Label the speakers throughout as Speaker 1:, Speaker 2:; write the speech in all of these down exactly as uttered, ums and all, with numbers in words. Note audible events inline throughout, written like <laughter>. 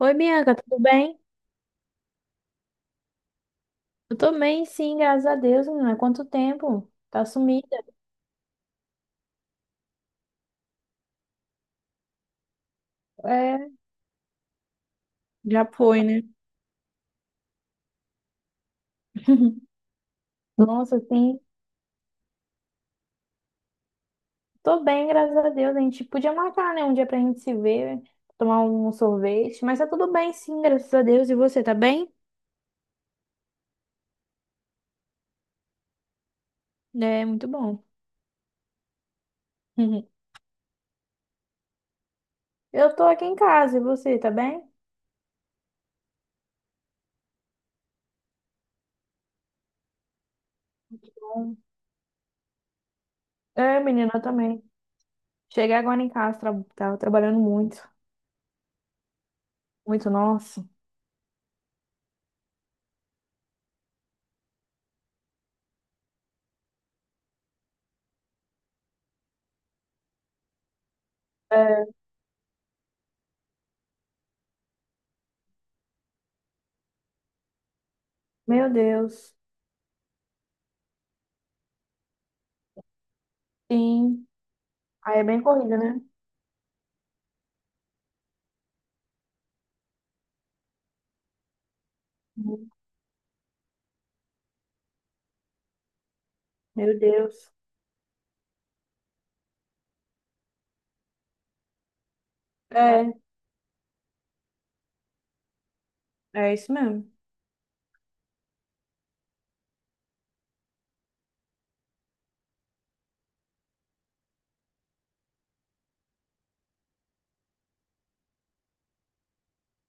Speaker 1: Oi, Bianca, tudo bem? Eu tô bem, sim, graças a Deus, menina. Quanto tempo? Tá sumida. É, já foi, né? <laughs> Nossa, sim. Tô bem, graças a Deus. A gente podia marcar, né, um dia pra gente se ver, tomar um sorvete, mas tá tudo bem, sim, graças a Deus. E você, tá bem? É, muito bom. <laughs> Eu tô aqui em casa, e você, tá bem? Bom. É, menina, eu também. Cheguei agora em casa, tra- tava trabalhando muito, muito, nossa. É. Meu Deus. Sim. Aí é bem corrida, né? Meu Deus. É, é isso mesmo.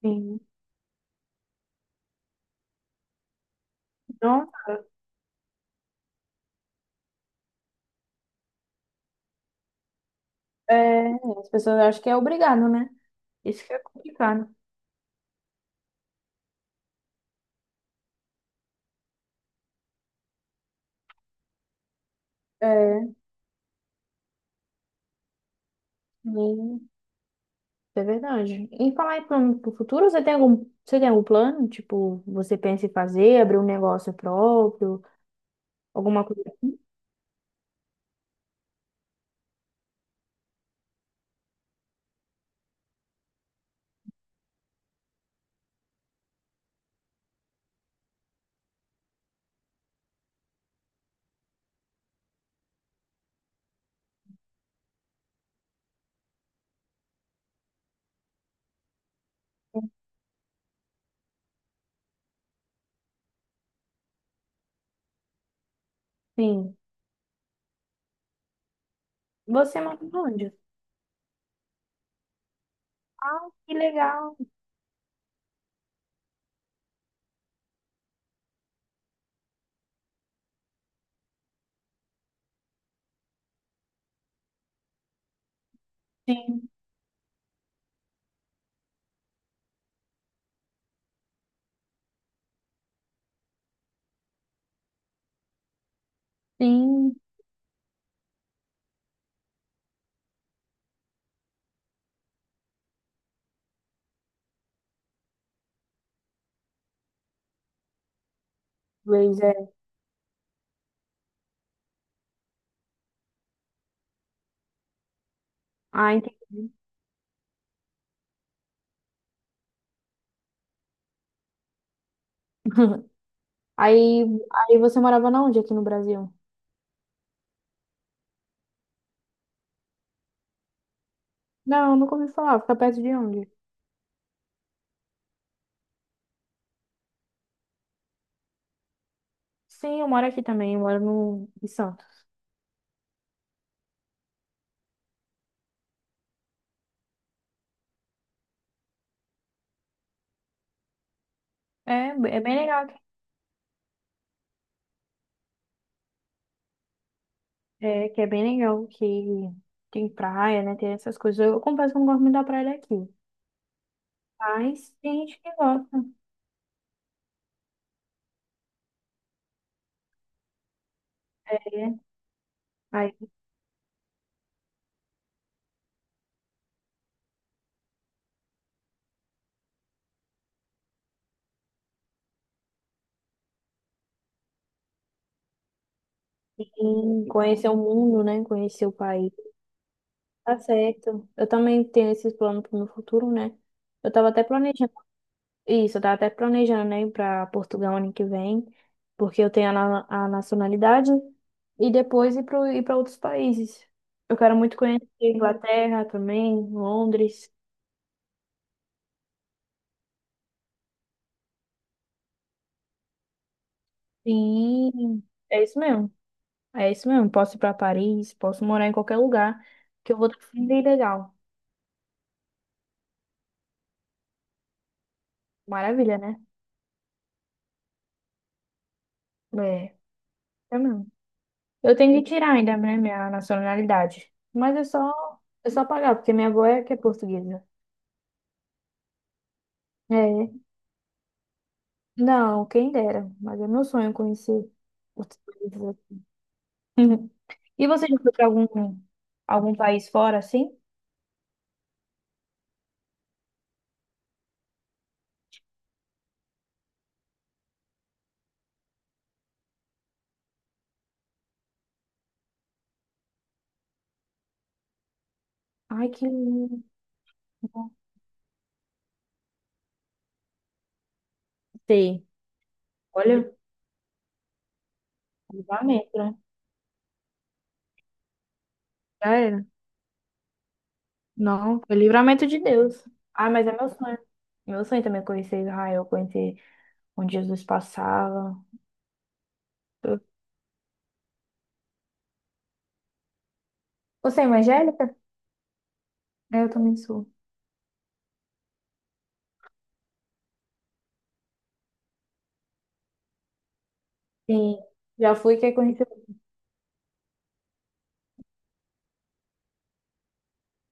Speaker 1: Sim. Então, é, as pessoas acham que é obrigado, né? Isso que é complicado. É, sim, é verdade. E falar em plano pro futuro, você tem algum, você tem algum plano? Tipo, você pensa em fazer, abrir um negócio próprio, alguma coisa assim? Sim. Você mora onde? Ah, que legal. Sim. Sim, inglês, é. Ah, entendi. <laughs> Aí, aí você morava na onde aqui no Brasil? Não, nunca ouvi falar. Fica perto de onde? Sim, eu moro aqui também, eu moro no, em Santos. É, é bem legal aqui. É, que é bem legal que tem praia, né? Tem essas coisas. Eu confesso que eu não gosto muito da praia daqui. Mas tem gente que gosta, né? Aí sim, conhecer o mundo, né? Conhecer o país. Tá certo. Eu também tenho esses planos pro meu futuro, né? Eu tava até planejando. Isso, eu tava até planejando, né, para Portugal ano que vem, porque eu tenho a, na- a nacionalidade, e depois ir para ir para outros países. Eu quero muito conhecer Inglaterra também, Londres. Sim, é isso mesmo. É isso mesmo. Posso ir para Paris, posso morar em qualquer lugar, que eu vou estar bem legal. Maravilha, né? É, é mesmo. Eu tenho que tirar ainda, né, minha nacionalidade. Mas é só, é só pagar, porque minha avó é que é portuguesa. É. Não, quem dera, mas é meu sonho conhecer outros países. <laughs> Uhum. E você já foi para algum, algum país fora assim? Ai, que lindo. Sei. Olha, livramento, né? Já era. Não, foi livramento de Deus. Ah, mas é meu sonho. Meu sonho também é conhecer Israel, conhecer onde Jesus passava. Eu- Você é evangélica? É, eu também sou. Sim. Já fui, quer conhecer.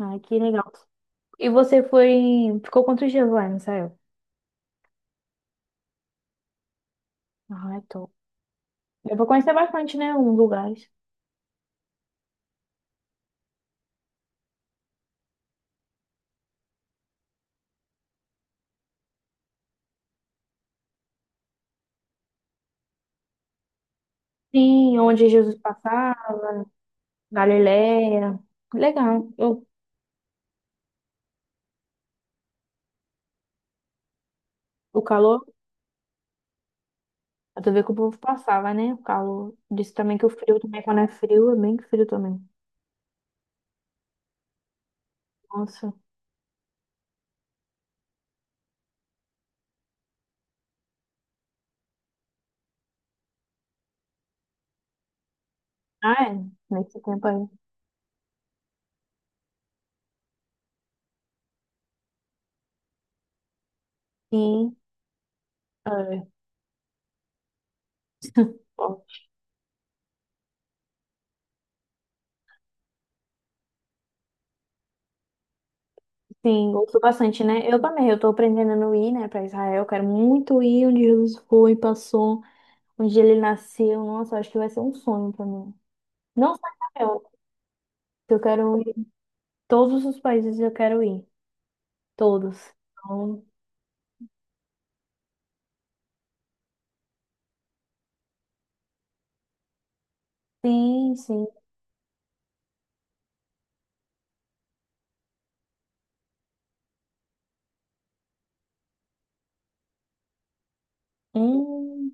Speaker 1: Ai, que legal. E você foi em- ficou quantos dias lá em Israel? Ai, top. Eu vou conhecer bastante, né? Uns lugares. Sim, onde Jesus passava, Galileia. Legal. Eu, o calor, eu tô vendo que o povo passava, né? O calor. Disse também que o frio também, quando é frio, é bem frio também. Nossa. Ah, é? Nesse tempo aí. Sim. É, forte. Sim, gosto bastante, né? Eu também, eu tô aprendendo a não ir, né, pra Israel. Quero muito ir onde Jesus foi, passou, onde ele nasceu. Nossa, acho que vai ser um sonho pra mim. Não só Israel, eu quero ir. Todos os países eu quero ir. Todos. Então, sim, sim. Hum,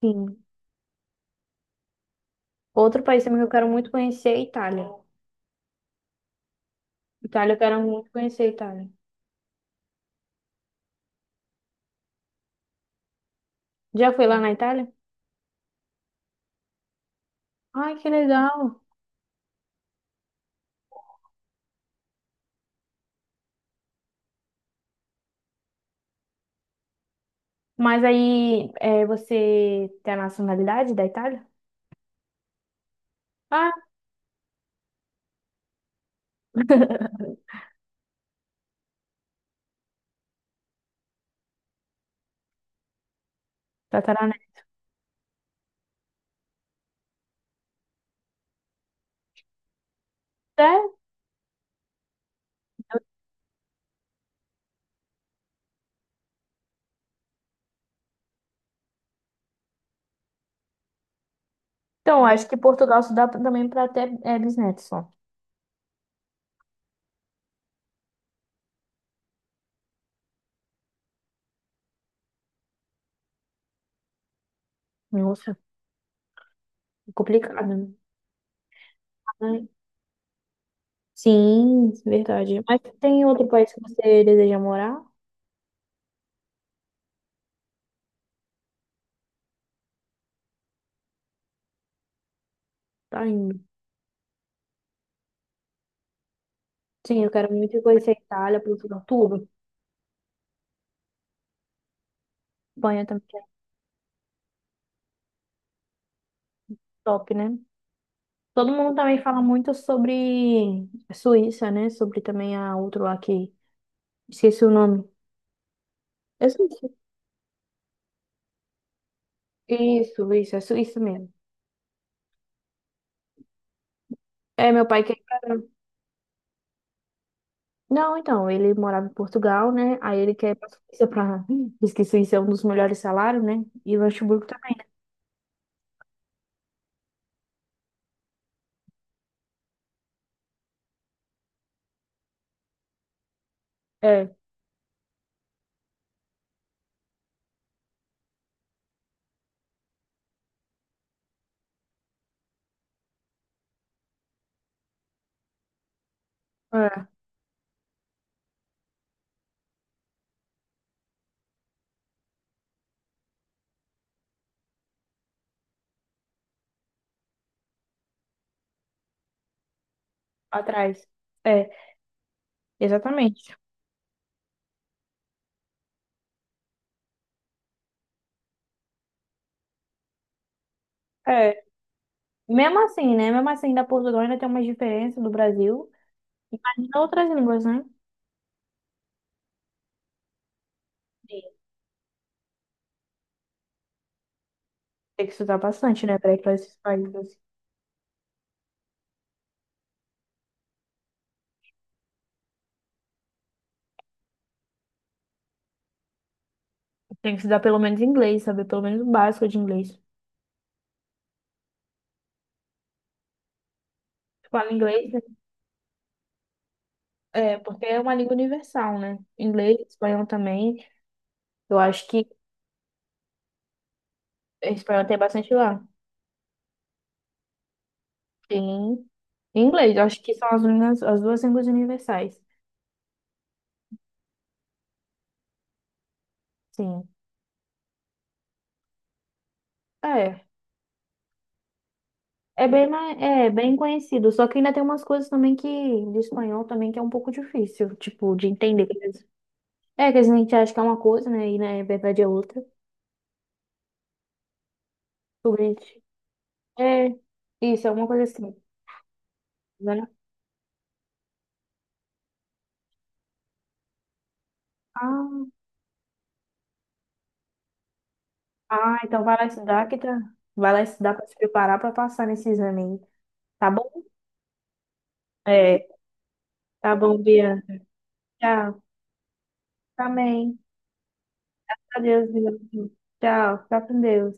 Speaker 1: sim. Outro país também que eu quero muito conhecer é a Itália. Itália, eu quero muito conhecer a Itália. Já foi lá na Itália? Ai, que legal. Mas aí, é, você tem a nacionalidade da Itália? Ah, tataraneto. Sério? Então, acho que Portugal se dá pra- também para ter, é, bisnetos só. Nossa, complicado, né? Ai, sim, verdade. Mas tem outro país que você deseja morar? Tá indo. Sim, eu quero muito conhecer a Itália, Portugal, tudo. Espanha também é top, né? Todo mundo também fala muito sobre a Suíça, né? Sobre também a outro lá que... Esqueci o nome. É Suíça. Isso, isso, é Suíça mesmo. É, meu pai quer ir pra... Não, então, ele morava em Portugal, né? Aí ele quer ir pra Suíça pra... Diz que Suíça é um dos melhores salários, né? E Luxemburgo também. É, é, atrás. É, exatamente. É. Mesmo assim, né? Mesmo assim, da Portugal ainda tem uma diferença do Brasil. Imagina outras línguas, né? Tem que estudar bastante, né, para ir para esses países. Tem que estudar pelo menos inglês, saber pelo menos o básico de inglês. Fala inglês, né? É, porque é uma língua universal, né? Inglês, espanhol também. Eu acho que espanhol tem bastante lá. Tem inglês, eu acho que são as, línguas, as duas línguas universais. Sim. É. É bem, ma- é bem conhecido, só que ainda tem umas coisas também que de espanhol também que é um pouco difícil, tipo, de entender. Que às vezes- É, que às vezes a gente acha que é uma coisa, né? E na verdade é outra. É, isso, alguma coisa assim. Né? Ah, ah, então vai lá estudar que tá. Vai lá estudar pra se preparar pra passar nesse exame aí. Tá bom? É, tá bom, Bianca. Tchau. Também. Adeus, Bianca. Tchau. Fica com Deus.